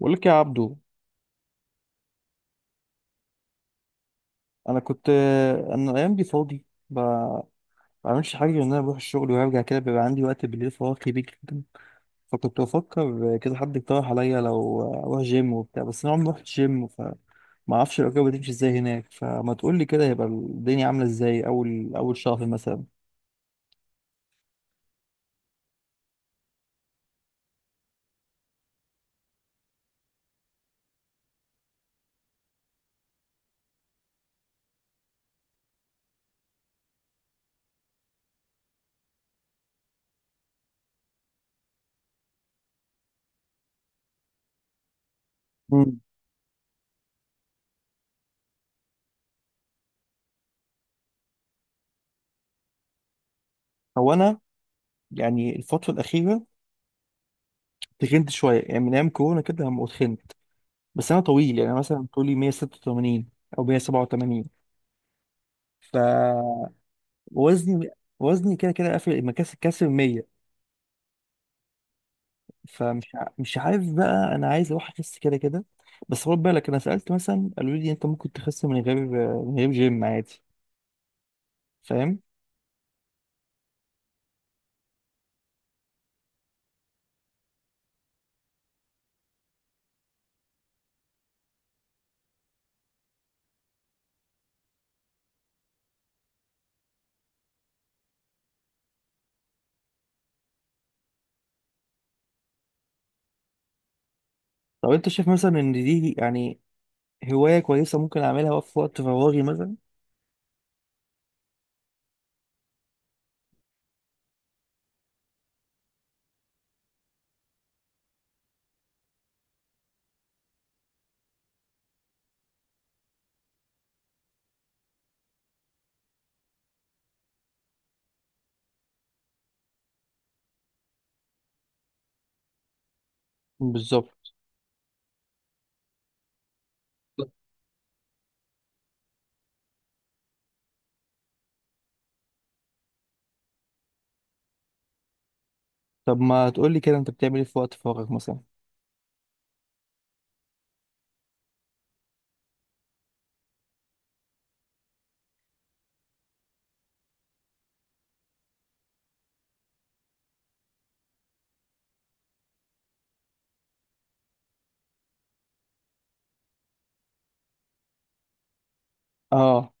بقول لك يا عبدو. انا كنت انا الايام دي فاضي. ما بعملش حاجه غير ان انا بروح الشغل وارجع كده، بيبقى عندي وقت بالليل فراغ كبير جدا. فكنت بفكر كده، حد اقترح عليا لو اروح جيم وبتاع، بس انا عمري ما رحت جيم فما اعرفش الاجابه بتمشي ازاي هناك، فما تقول لي كده هيبقى الدنيا عامله ازاي اول شهر مثلا؟ مم. هو انا يعني الفتره الاخيره تخنت شويه، يعني من ايام كورونا كده لما اتخنت. بس انا طويل يعني، مثلا طولي 186 او 187. وزني وزني كده كده قافل مكاسب كاسر 100. مش عارف بقى، انا عايز اروح اخس كده كده. بس خد بالك، انا سالت مثلا قالوا لي انت ممكن تخس من غير، من غير جيم عادي. فاهم؟ طب انت شايف مثلا ان دي يعني هوايه كويسه ممكن اعملها في وقت فراغي مثلا؟ بالظبط. طب ما تقول لي كده، انت بتعمل ايه في وقت فراغك مثلا؟ اه،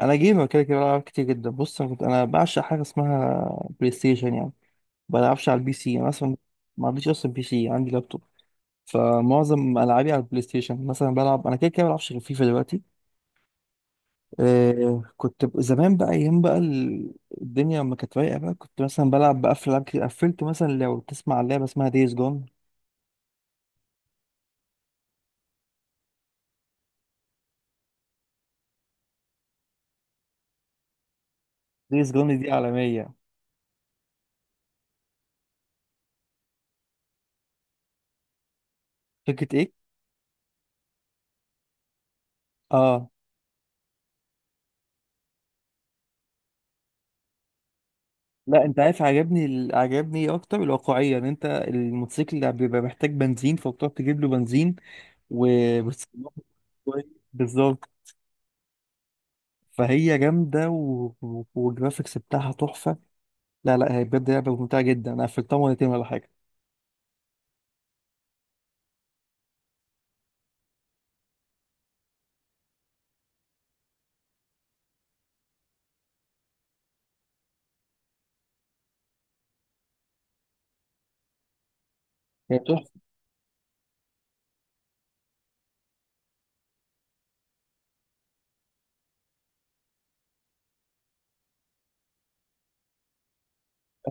انا جيمر كده كده، بلعب كتير جدا. بص، انا بعشق حاجه اسمها بلاي ستيشن يعني. ما بلعبش على البي سي انا اصلا، ما عنديش اصلا بي سي، عندي لابتوب. فمعظم العابي على البلاي ستيشن. مثلا بلعب انا كده كده بلعبش غير فيفا دلوقتي. آه كنت زمان بقى، ايام بقى الدنيا ما كانت رايقه بقى، كنت مثلا بلعب بقفل العاب كتير. قفلت مثلا، لو تسمع عن لعبه اسمها دايز جون. دايز جون دي عالميه. فكره ايه؟ اه، لا انت عارف، عجبني عجبني إيه اكتر؟ الواقعيه، ان انت الموتوسيكل اللي بيبقى محتاج بنزين فبتروح تجيب له بنزين وبتستخدمه. بالظبط. فهي جامده، والجرافيكس بتاعها تحفه. لا لا، هي بجد لعبة ممتعة جدا، أنا قفلتها مرتين ولا حاجة. هي تحفة.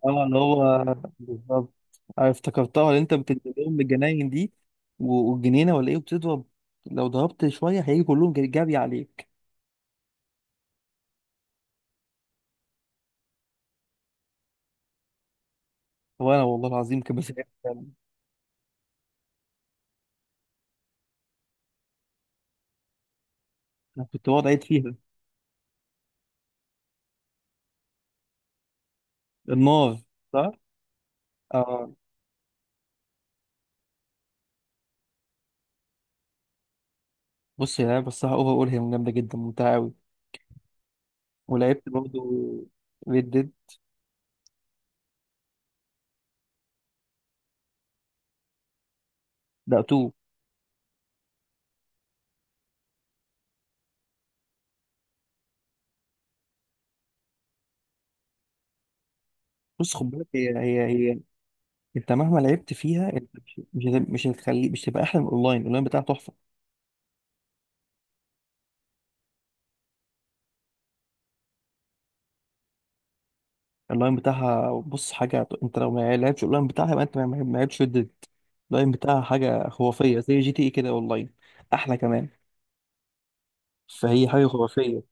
اه اللي هو. بالظبط، أنا افتكرتها، اللي أنت بتنزل لهم الجناين دي والجنينة ولا إيه، وبتضرب. لو ضربت شوية هيجي كلهم جري جري عليك. وأنا والله العظيم كان بس. أنا كنت بقعد أعيد فيها. النار. صح؟ اه. بص، يا لعبة الصراحة أوفر أول، هي جامدة جدا ممتعة أوي. ولعبت برضه ريد ديد. لا تو. بص خد بالك، هي أنت مهما لعبت فيها، أنت مش مش هت- مش هتخلي مش هتبقى أحلى من الأونلاين. الأونلاين بتاعها تحفة. اللاين بتاعها، بص حاجة، انت لو ما لعبتش اللاين بتاعها يبقى انت ما لعبتش ريد. اللاين بتاعها حاجة خرافية، زي جي تي اي كده اونلاين، احلى كمان. فهي حاجة خرافية.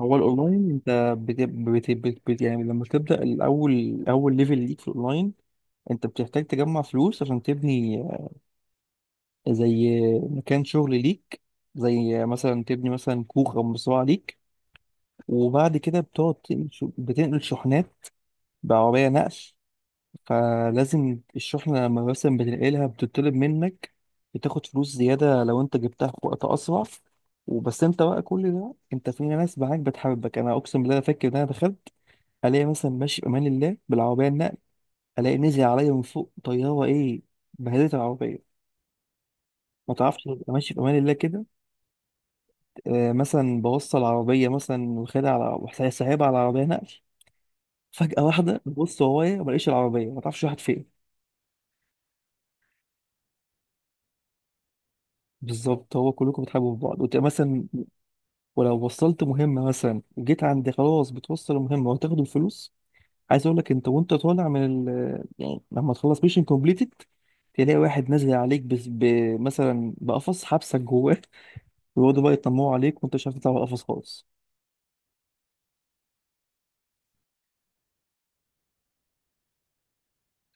هو الاونلاين انت يعني لما تبدأ، اول ليفل ليك في الاونلاين، انت بتحتاج تجمع فلوس عشان تبني زي مكان شغل ليك، زي مثلا تبني مثلا كوخ او مزرعة ليك. وبعد كده بتقعد بتنقل شحنات بعربية نقل. فلازم الشحنة لما مثلا بتنقلها، بتطلب منك، بتاخد فلوس زيادة لو انت جبتها في وقت أسرع. وبس انت بقى كل ده، انت في ناس معاك بتحبك. انا اقسم بالله، انا فاكر ان انا دخلت، الاقي مثلا ماشي بامان الله بالعربيه النقل، الاقي نزل عليا من فوق طياره ايه، بهدلت العربيه. ما تعرفش، ابقى ماشي بامان الله كده، آه مثلا بوصل العربيه مثلا واخدها، على سايبها على عربيه نقل، فجاه واحده ببص ورايا ما الاقيش العربيه، ما تعرفش واحد فين. بالظبط. هو كلكم بتحبوا في بعض، وتبقى مثلا، ولو وصلت مهمة مثلا وجيت عند خلاص بتوصل المهمة وتاخد الفلوس، عايز اقول لك، انت وانت طالع يعني لما تخلص ميشن كومبليتد، تلاقي واحد نازل عليك، مثلا بقفص حبسك جواه ويقعدوا بقى يطمعوا عليك، وانت مش عارف تطلع من القفص خالص.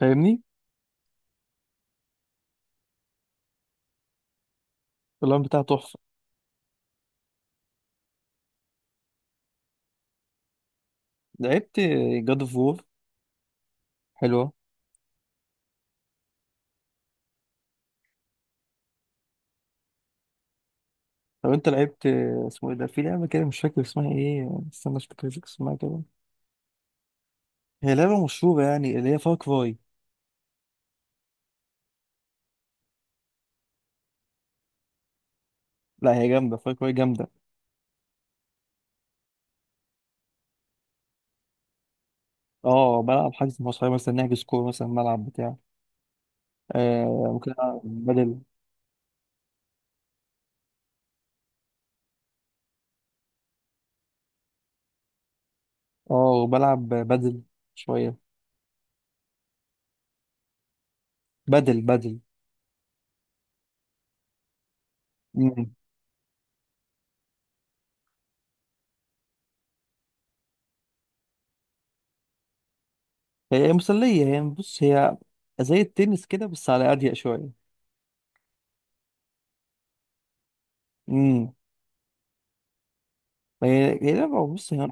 فاهمني؟ اللعبة بتاعها تحفة. لعبت جاد اوف وور، حلوة. لو انت لعبت، اسمه ايه ده، في لعبة كده مش فاكر اسمها ايه، استنى، مش فاكر اسمها كده، هي لعبة مشهورة يعني، اللي هي فار كراي. لا هي جامدة، فار كراي جامدة. اه بلعب حجز مع صحابي، مثلا نحجز كورة مثلا، ملعب بتاع. آه، ممكن ألعب بدل. اه بلعب بدل شوية. بدل. مم. هي مسلية. هي زي التنس كده، بس على أضيق شوية. امم. هي هي لعبة بص هي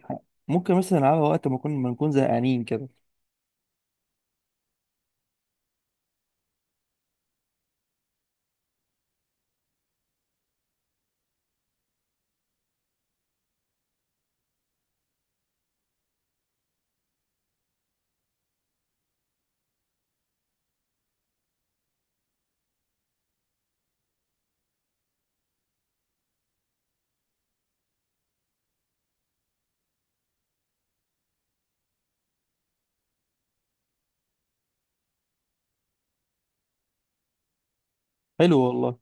ممكن مثلا ألعبها وقت ما نكون زهقانين كده. حلو والله.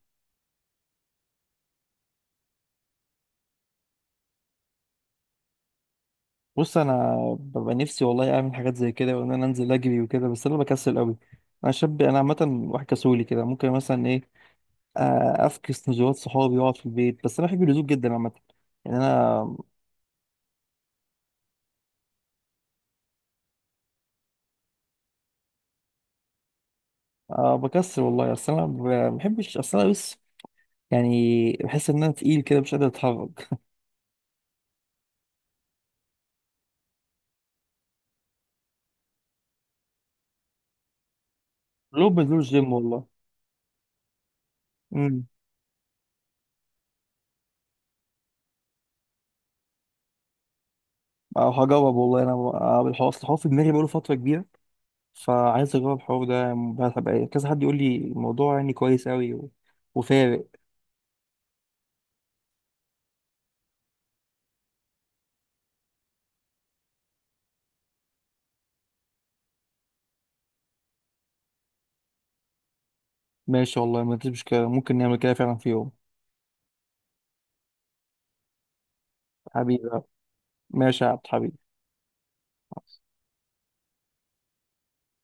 بص أنا ببقى نفسي والله أعمل حاجات زي كده، وإن أنا أنزل أجري وكده، بس أنا بكسل أوي. أنا شاب، أنا عامة واحد كسولي كده. ممكن مثلا إيه، آه، افكس نزولات صحابي واقعد في البيت. بس انا بحب الهدوء جدا عامه، يعني انا، آه، بكسر والله. اصل انا ما بحبش، اصل انا بس يعني بحس ان انا تقيل كده، مش قادر اتحرك. لو بنزول جيم والله. امم. او هجرب والله انا، آه، الحوار، اصل الحوار في دماغي بقاله فتره كبيره، فعايز اجرب الحوار ده يعني، كذا حد يقول لي الموضوع يعني كويس قوي وفارق. ماشي والله ما فيش مشكله، ممكن نعمل كده فعلا في يوم. حبيبي. ماشي يا عبد حبيبي.